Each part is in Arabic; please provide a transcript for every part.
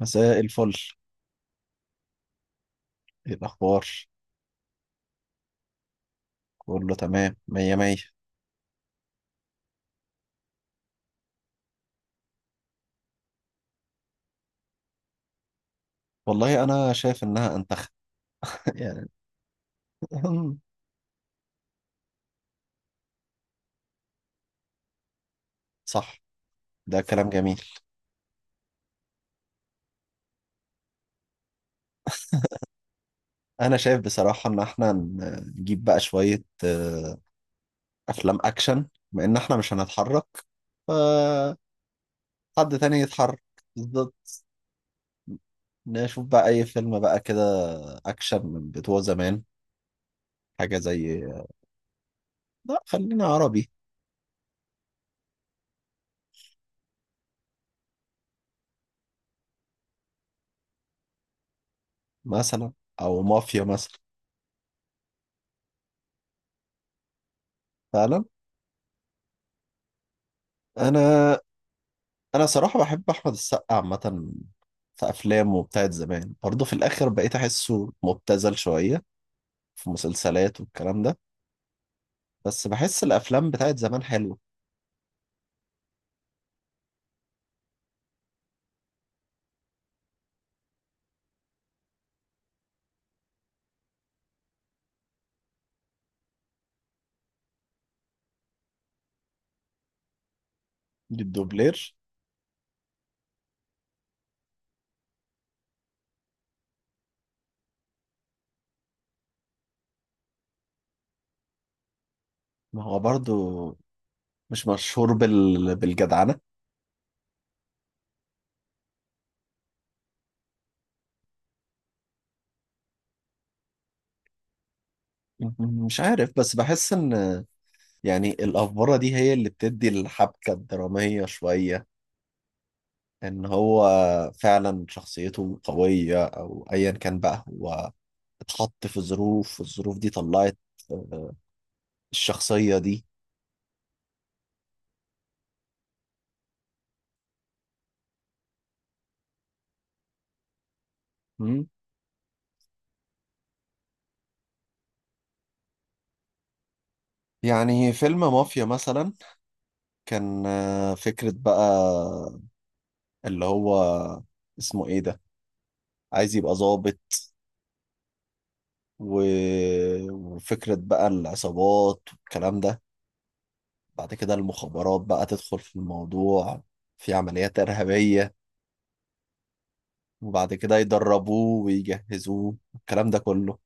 مساء الفل. ايه الاخبار؟ كله تمام، مية مية. والله انا شايف انها انتخ يعني. صح، ده كلام جميل. انا شايف بصراحة ان احنا نجيب بقى شوية افلام اكشن، بما ان احنا مش هنتحرك فحد تاني يتحرك. بالظبط. نشوف بقى اي فيلم بقى كده اكشن من بتوع زمان، حاجة زي. لا خلينا عربي. مثلا، او مافيا مثلا. فعلا. انا انا صراحه بحب احمد السقا عامه. في افلامه بتاعت زمان برضه في الاخر بقيت احسه مبتذل شويه في مسلسلات والكلام ده. بس بحس الافلام بتاعت زمان حلوه. الدوبلير. ما هو برضه مش مشهور بالجدعنه. مش عارف، بس بحس ان يعني الافوره دي هي اللي بتدي الحبكه الدراميه شويه. ان هو فعلا شخصيته قويه او ايا كان بقى، هو اتحط في ظروف والظروف دي طلعت الشخصية دي. مم. يعني فيلم مافيا مثلا، كان فكرة بقى اللي هو اسمه ايه ده، عايز يبقى ضابط و... وفكرة بقى العصابات والكلام ده. بعد كده المخابرات بقى تدخل في الموضوع، في عمليات إرهابية. وبعد كده يدربوه ويجهزوه الكلام ده كله.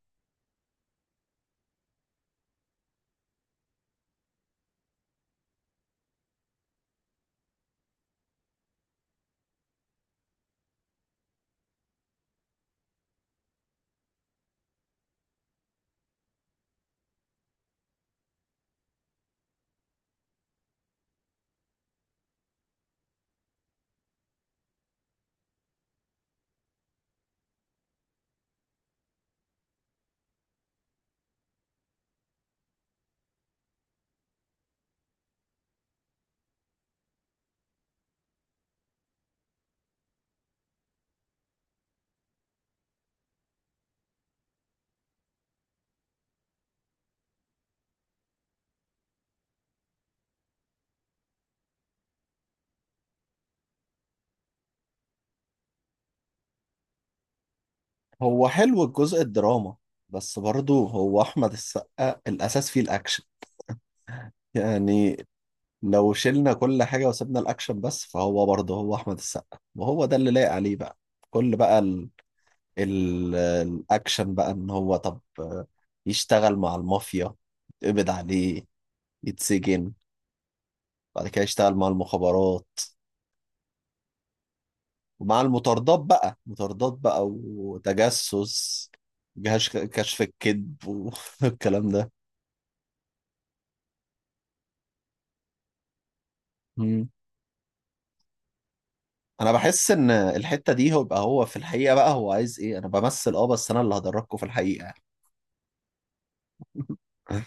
هو حلو الجزء الدراما، بس برضه هو أحمد السقا الأساس فيه الأكشن. يعني لو شلنا كل حاجة وسبنا الأكشن بس، فهو برضه هو أحمد السقا وهو ده اللي لايق عليه بقى. كل بقى الأكشن بقى، إن هو طب يشتغل مع المافيا، يتقبض عليه، يتسجن، بعد كده يشتغل مع المخابرات، ومع المطاردات بقى، مطاردات بقى وتجسس، جهاز كشف الكذب والكلام ده. مم. انا بحس ان الحته دي، هو بقى هو في الحقيقه بقى هو عايز ايه، انا بمثل اه بس انا اللي هدركه في الحقيقه.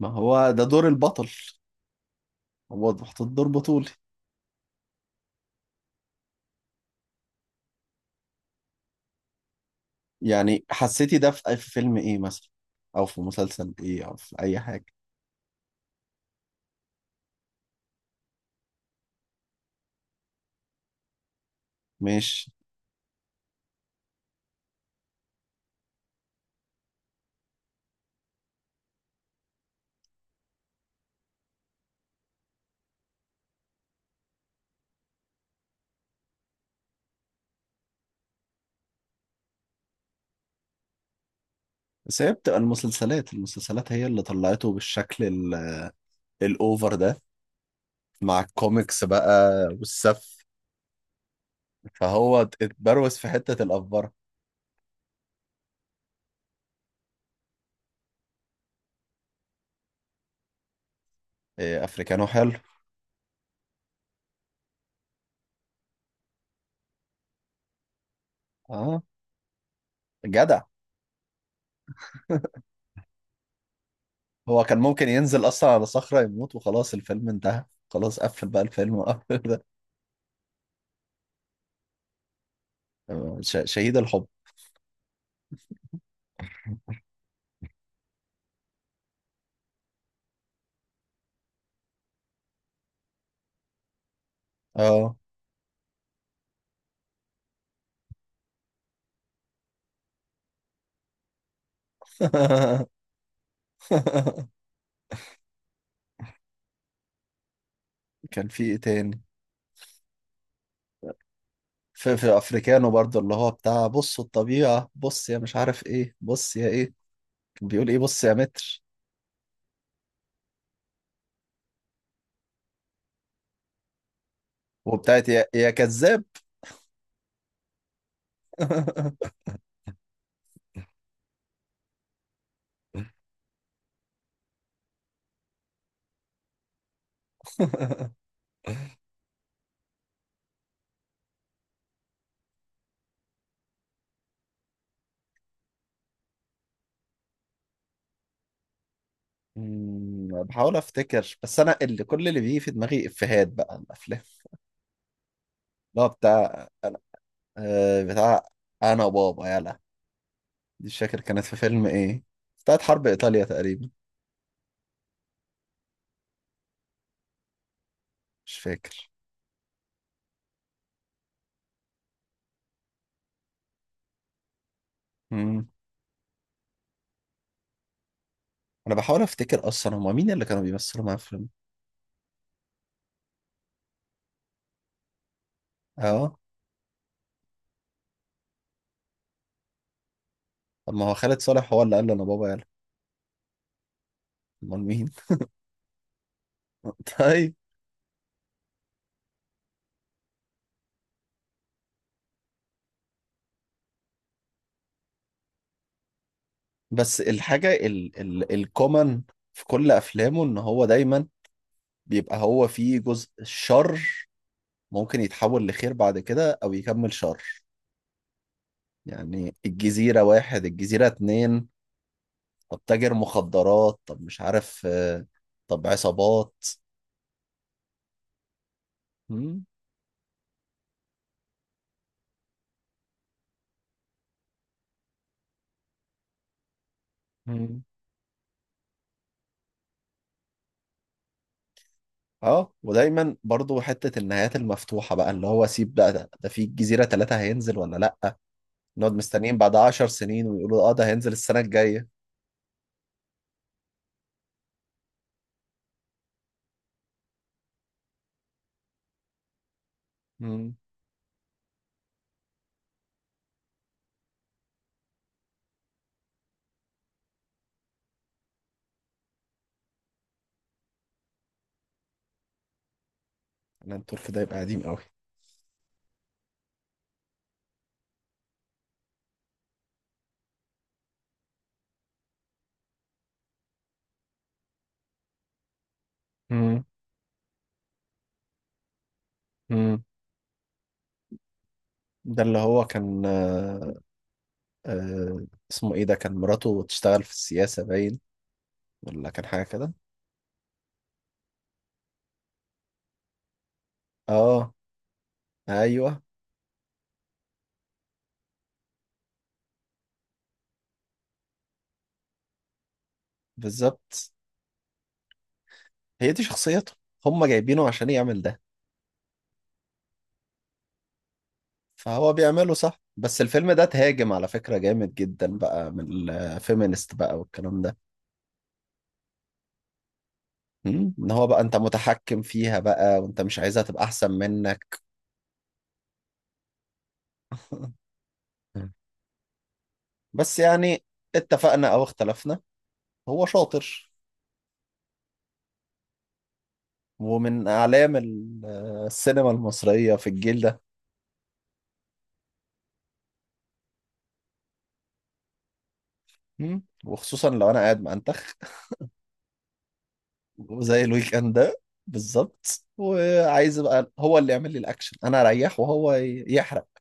ما هو ده دور البطل. هو محطوط دور بطولي. يعني حسيتي ده في فيلم ايه مثلا، او في مسلسل ايه، او في اي حاجه؟ مش بس. هي بتبقى المسلسلات هي اللي طلعته بالشكل الاوفر ده، مع الكوميكس بقى والسف. فهو اتبروز في حته الافبره. إيه، افريكانو حلو. اه، جدع. هو كان ممكن ينزل اصلا على صخره يموت وخلاص الفيلم انتهى، خلاص قفل بقى الفيلم وقفل ده. شهيد الحب. اه. كان في ايه تاني؟ في في افريكانو برضه اللي هو بتاع بصوا الطبيعة، بص يا مش عارف ايه، بص يا ايه، كان بيقول ايه، بص يا متر. وبتاعت يا كذاب. مم، بحاول افتكر بس انا اللي كل اللي بيجي في دماغي افيهات بقى عن الافلام. اللي هو بتاع انا، بتاع انا بابا يلا، دي مش فاكر كانت في فيلم ايه، بتاعت حرب ايطاليا تقريبا. مش فاكر. مم. انا بحاول افتكر اصلا هما مين اللي كانوا بيمثلوا معاه في الفيلم. اه. طب ما هو خالد صالح هو اللي قال له انا بابا يلا؟ امال مين؟ طيب. بس الحاجه ال الكومن في كل افلامه، ان هو دايما بيبقى هو فيه جزء شر، ممكن يتحول لخير بعد كده او يكمل شر. يعني الجزيره واحد، الجزيره اتنين. طب تاجر مخدرات، طب مش عارف، طب عصابات. مم، مم. اه، ودايما برضو حته النهايات المفتوحه بقى، اللي هو سيب بقى ده في الجزيره ثلاثه هينزل ولا لا؟ نقعد مستنيين بعد 10 سنين ويقولوا اه ده هينزل السنة الجاية. امم. انا الطرف ده يبقى قديم قوي. مم. مم. ده اللي هو كان آه، آه اسمه ايه ده، كان مراته تشتغل في السياسة باين، ولا كان حاجة كده؟ اه. ايوه. بالظبط، هي دي شخصيته، هم جايبينه عشان يعمل ده. فهو بيعمله صح، بس الفيلم ده تهاجم على فكرة جامد جدا بقى من الفيمينست بقى والكلام ده. مم. ان هو بقى انت متحكم فيها بقى وانت مش عايزها تبقى احسن منك. بس يعني، اتفقنا أو اختلفنا، هو شاطر. ومن أعلام السينما المصرية في الجيل ده. مم. وخصوصا لو أنا قاعد مأنتخ زي الويك إند ده. بالظبط، وعايز بقى هو اللي يعمل لي الأكشن، أنا أريح وهو يحرق.